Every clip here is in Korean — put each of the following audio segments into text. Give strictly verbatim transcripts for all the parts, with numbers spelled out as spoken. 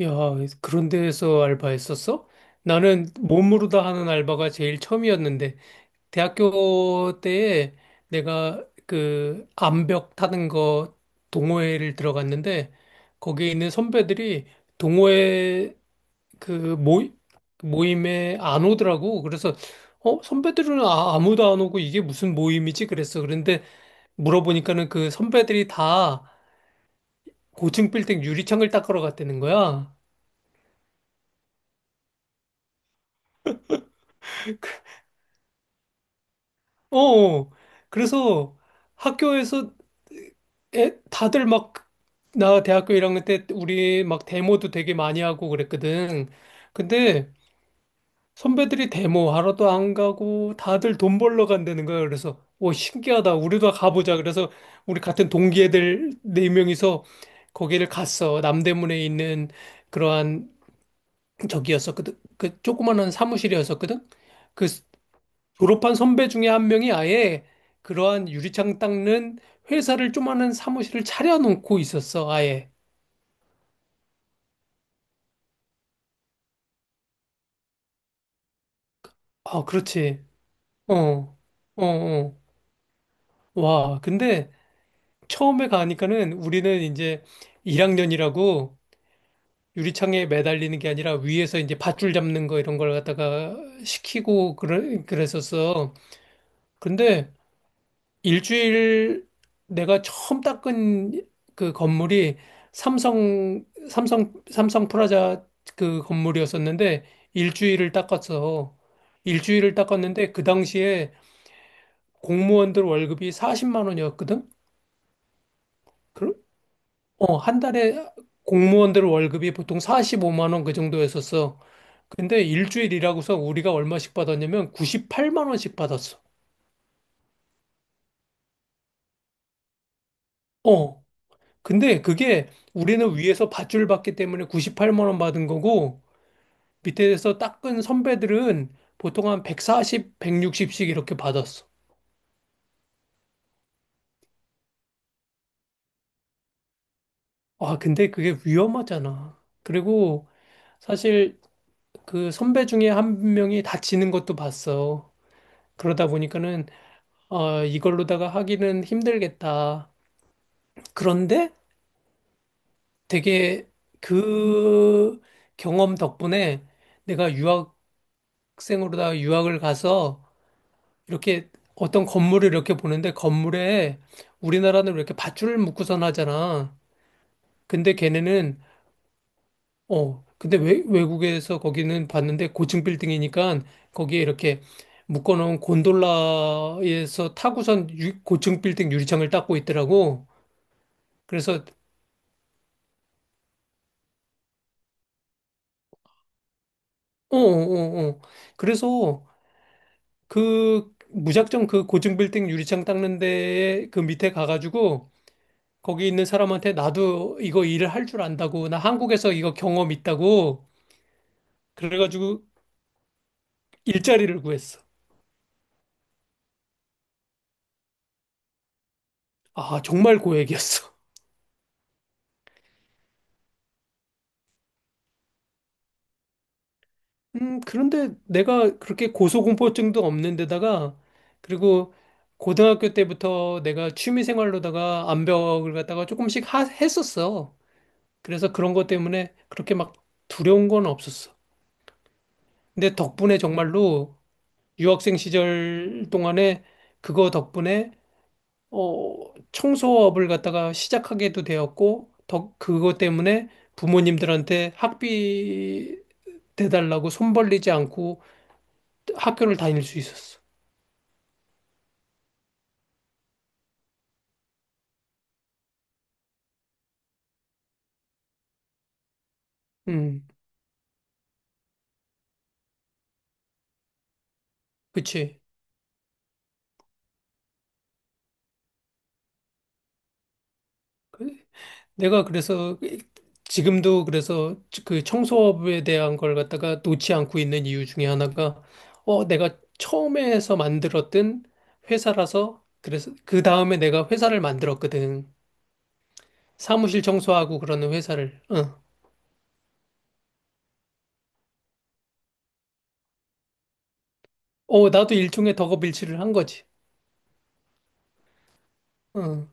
야, 그런 데서 알바했었어? 나는 몸으로 다 하는 알바가 제일 처음이었는데, 대학교 때에 내가 그 암벽 타는 거 동호회를 들어갔는데, 거기에 있는 선배들이 동호회 그 모이, 그 모임에 안 오더라고. 그래서, 어, 선배들은 아, 아무도 안 오고 이게 무슨 모임이지? 그랬어. 그런데 물어보니까는 그 선배들이 다 고층 빌딩 유리창을 닦으러 갔다는 거야. 어, 어. 그래서 학교에서 애, 다들 막, 나 대학교 일 학년 때 우리 막 데모도 되게 많이 하고 그랬거든. 근데 선배들이 데모 하러도 안 가고 다들 돈 벌러 간다는 거야. 그래서, 오, 신기하다. 우리도 가보자. 그래서 우리 같은 동기 애들 네명이서 거기를 갔어. 남대문에 있는 그러한 저기였었거든. 그 조그만한 사무실이었었거든. 그 졸업한 선배 중에 한 명이 아예 그러한 유리창 닦는 회사를 조그마한 사무실을 차려놓고 있었어, 아예. 아, 그렇지. 어, 어, 어. 와, 근데 처음에 가니까는 우리는 이제 일 학년이라고 유리창에 매달리는 게 아니라 위에서 이제 밧줄 잡는 거 이런 걸 갖다가 시키고 그래, 그랬었어. 근데 일주일 내가 처음 닦은 그 건물이 삼성, 삼성, 삼성 프라자 그 건물이었었는데 일주일을 닦았어. 일주일을 닦았는데 그 당시에 공무원들 월급이 사십만 원이었거든? 그, 어, 한 달에 공무원들 월급이 보통 사십오만 원 그 정도였었어. 근데 일주일이라고서 우리가 얼마씩 받았냐면 구십팔만 원씩 받았어. 어. 근데 그게 우리는 위에서 밧줄 받기 때문에 구십팔만 원 받은 거고 밑에서 닦은 선배들은 보통 한 백사십, 백육십씩 이렇게 받았어. 아, 근데 그게 위험하잖아. 그리고 사실 그 선배 중에 한 명이 다치는 것도 봤어. 그러다 보니까는 어, 이걸로다가 하기는 힘들겠다. 그런데 되게 그 경험 덕분에 내가 유학생으로다가 유학을 가서 이렇게 어떤 건물을 이렇게 보는데 건물에 우리나라는 이렇게 밧줄을 묶고선 하잖아. 근데 걔네는 어 근데 외, 외국에서 거기는 봤는데 고층 빌딩이니까 거기에 이렇게 묶어놓은 곤돌라에서 타고선 유- 고층 빌딩 유리창을 닦고 있더라고. 그래서 어어어 그래서 그 무작정 그 고층 빌딩 유리창 닦는 데에 그 밑에 가가지고 거기 있는 사람한테 나도 이거 일을 할 줄 안다고, 나 한국에서 이거 경험 있다고, 그래가지고 일자리를 구했어. 아, 정말 고액이었어. 음, 그런데 내가 그렇게 고소공포증도 없는 데다가, 그리고 고등학교 때부터 내가 취미생활로다가 암벽을 갖다가 조금씩 하, 했었어. 그래서 그런 것 때문에 그렇게 막 두려운 건 없었어. 근데 덕분에 정말로 유학생 시절 동안에 그거 덕분에 어, 청소업을 갖다가 시작하게도 되었고, 더 그것 때문에 부모님들한테 학비 대달라고 손 벌리지 않고 학교를 다닐 수 있었어. 음, 그치. 그- 내가 그래서 지금도 그래서 그 청소업에 대한 걸 갖다가 놓지 않고 있는 이유 중에 하나가, 어, 내가 처음에 해서 만들었던 회사라서, 그래서 그 다음에 내가 회사를 만들었거든. 사무실 청소하고 그러는 회사를. 어. 어, 나도 일종의 덕업일치를 한 거지. 어,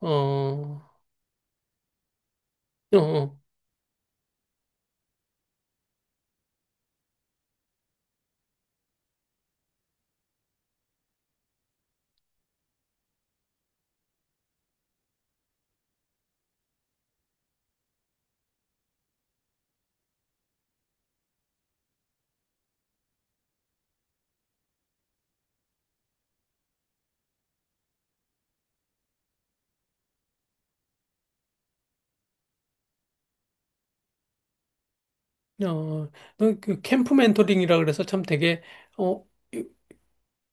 어, 어, 어. 어, 그 캠프 멘토링이라 그래서 참 되게, 어,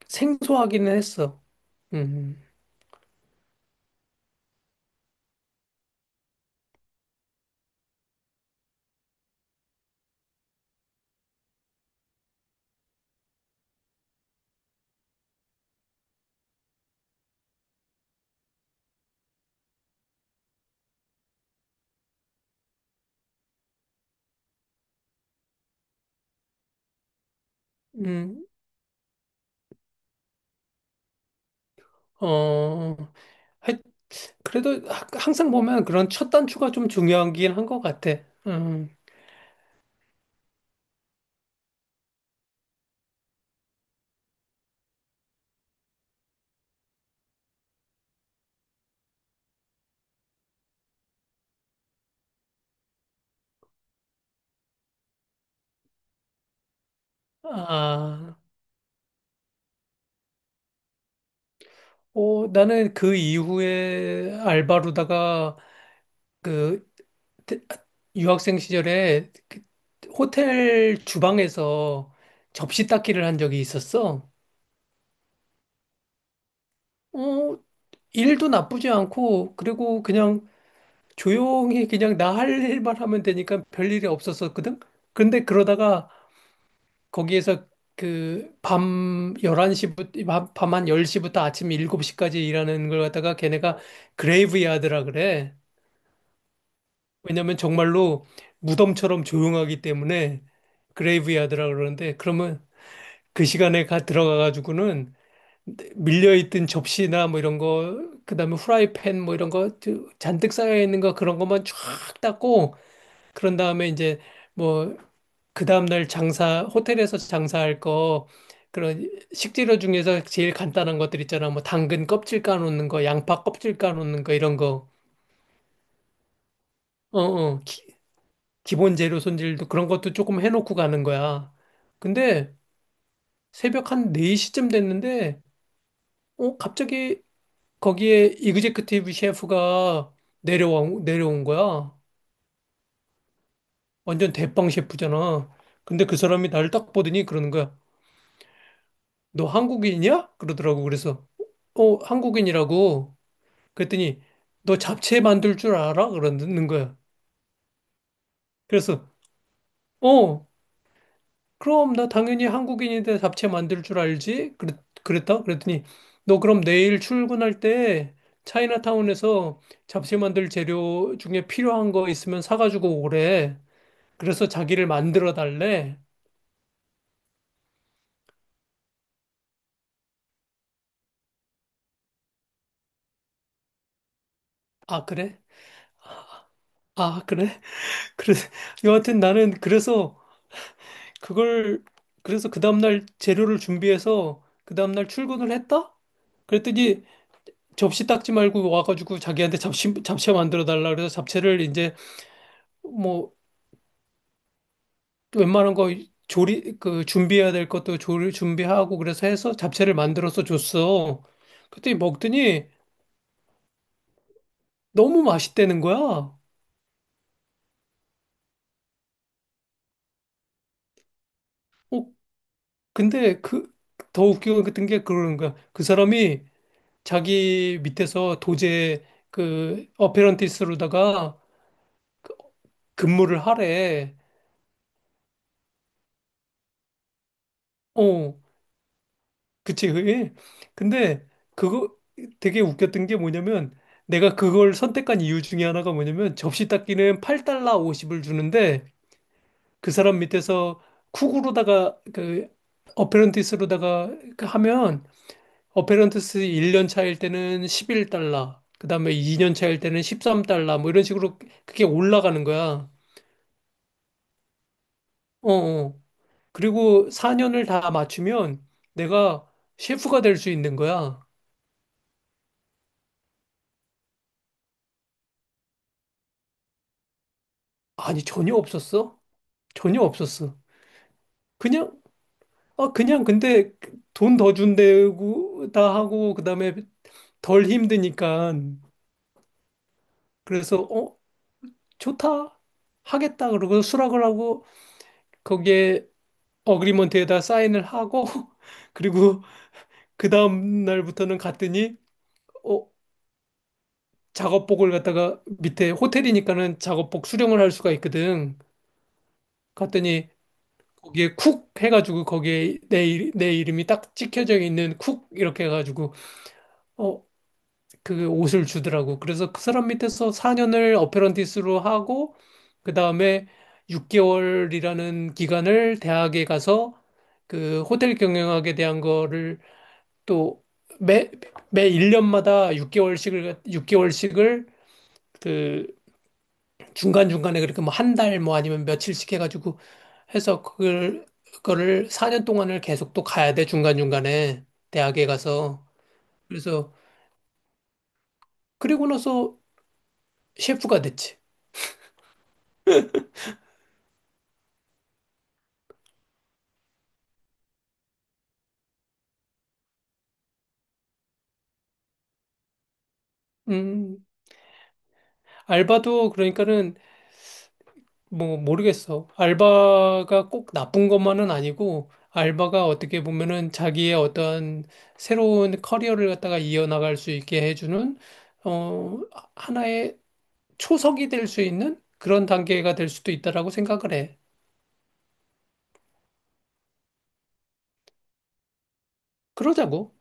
생소하기는 했어. 음, 음, 어, 하여- 그래도 하- 항상 보면 그런 첫 단추가 좀 중요하긴 한 것 같아. 음, 아, 어, 나는 그 이후에 알바로다가 그 대- 유학생 시절에 그 호텔 주방에서 접시 닦기를 한 적이 있었어. 어, 일도 나쁘지 않고, 그리고 그냥 조용히 그냥 나 할 일만 하면 되니까 별일이 없었었거든? 근데 그러다가 거기에서 그 밤 열한 시부터, 밤한 열 시부터 아침 일곱 시까지 일하는 걸 갖다가 걔네가 그레이브야드라 그래. 왜냐면 정말로 무덤처럼 조용하기 때문에 그레이브야드라 그러는데 그러면 그 시간에 가 들어가 가지고는 밀려있던 접시나 뭐 이런 거, 그다음에 후라이팬 뭐 이런 거 잔뜩 쌓여 있는 거 그런 것만 쫙 닦고 그런 다음에 이제 뭐 그다음 날 장사 호텔에서 장사할 거 그런 식재료 중에서 제일 간단한 것들 있잖아. 뭐 당근 껍질 까놓는 거, 양파 껍질 까놓는 거 이런 거. 어, 어. 기, 기본 재료 손질도 그런 것도 조금 해놓고 가는 거야. 근데 새벽 한 네 시쯤 됐는데 어 갑자기 거기에 이그제큐티브 셰프가 내려온, 내려온 거야. 완전 대빵 셰프잖아. 근데 그 사람이 나를 딱 보더니 그러는 거야. 너 한국인이야? 그러더라고. 그래서, 어, 한국인이라고. 그랬더니, 너 잡채 만들 줄 알아? 그러는 거야. 그래서, 어, 그럼 나 당연히 한국인인데 잡채 만들 줄 알지? 그랬, 그랬다? 그랬더니, 너 그럼 내일 출근할 때 차이나타운에서 잡채 만들 재료 중에 필요한 거 있으면 사가지고 오래. 그래서 자기를 만들어 달래. 아, 그래? 아, 그래? 그래. 여하튼 나는 그래서 그걸, 그래서 그 다음날 재료를 준비해서 그 다음날 출근을 했다? 그랬더니 접시 닦지 말고 와가지고 자기한테 잡채, 잡채 만들어 달라. 그래서 잡채를 이제 뭐 웬만한 거 조리, 그 준비해야 될 것도 조리 준비하고 그래서 해서 잡채를 만들어서 줬어. 그랬더니 먹더니 너무 맛있다는 거야. 어, 근데 그 더 웃기고 같은 게 그러는 거야. 그 사람이 자기 밑에서 도제 그 어페런티스로다가 근무를 하래. 어, 그치 그게. 근데 그거 되게 웃겼던 게 뭐냐면 내가 그걸 선택한 이유 중에 하나가 뭐냐면 접시 닦기는 팔 달러 오십을 주는데 그 사람 밑에서 쿡으로다가 그 어페런티스로다가 그 하면 어페런트스 일 년 차일 때는 십일 달러, 그 다음에 이 년 차일 때는 십삼 달러, 뭐 이런 식으로 그게 올라가는 거야. 어, 어. 그리고 사 년을 다 맞추면 내가 셰프가 될 수 있는 거야. 아니, 전혀 없었어? 전혀 없었어. 그냥, 아, 그냥 근데 돈 더 준대고, 다 하고, 그 다음에 덜 힘드니까. 그래서, 어, 좋다. 하겠다. 그러고 수락을 하고, 거기에 어그리먼트에다 사인을 하고 그리고 그 다음 날부터는 갔더니 어 작업복을 갖다가 밑에 호텔이니까는 작업복 수령을 할 수가 있거든. 갔더니 거기에 쿡 해가지고 거기에 내, 이- 내 이름이 딱 찍혀져 있는 쿡 이렇게 해가지고 어 그 옷을 주더라고. 그래서 그 사람 밑에서 사 년을 어페런티스로 하고 그 다음에 육 개월이라는 기간을 대학에 가서 그 호텔 경영학에 대한 거를 또 매, 매 일 년마다 육 개월씩을 육 개월씩을 그 중간중간에 그렇게 뭐 한 달 뭐 아니면 며칠씩 해가지고 해서 그걸, 그거를 사 년 동안을 계속 또 가야 돼. 중간중간에 대학에 가서. 그래서 그리고 나서 셰프가 됐지. 음, 알바도 그러니까는 뭐 모르겠어. 알바가 꼭 나쁜 것만은 아니고 알바가 어떻게 보면은 자기의 어떤 새로운 커리어를 갖다가 이어나갈 수 있게 해주는 어 하나의 초석이 될 수 있는 그런 단계가 될 수도 있다라고 생각을 해. 그러자고.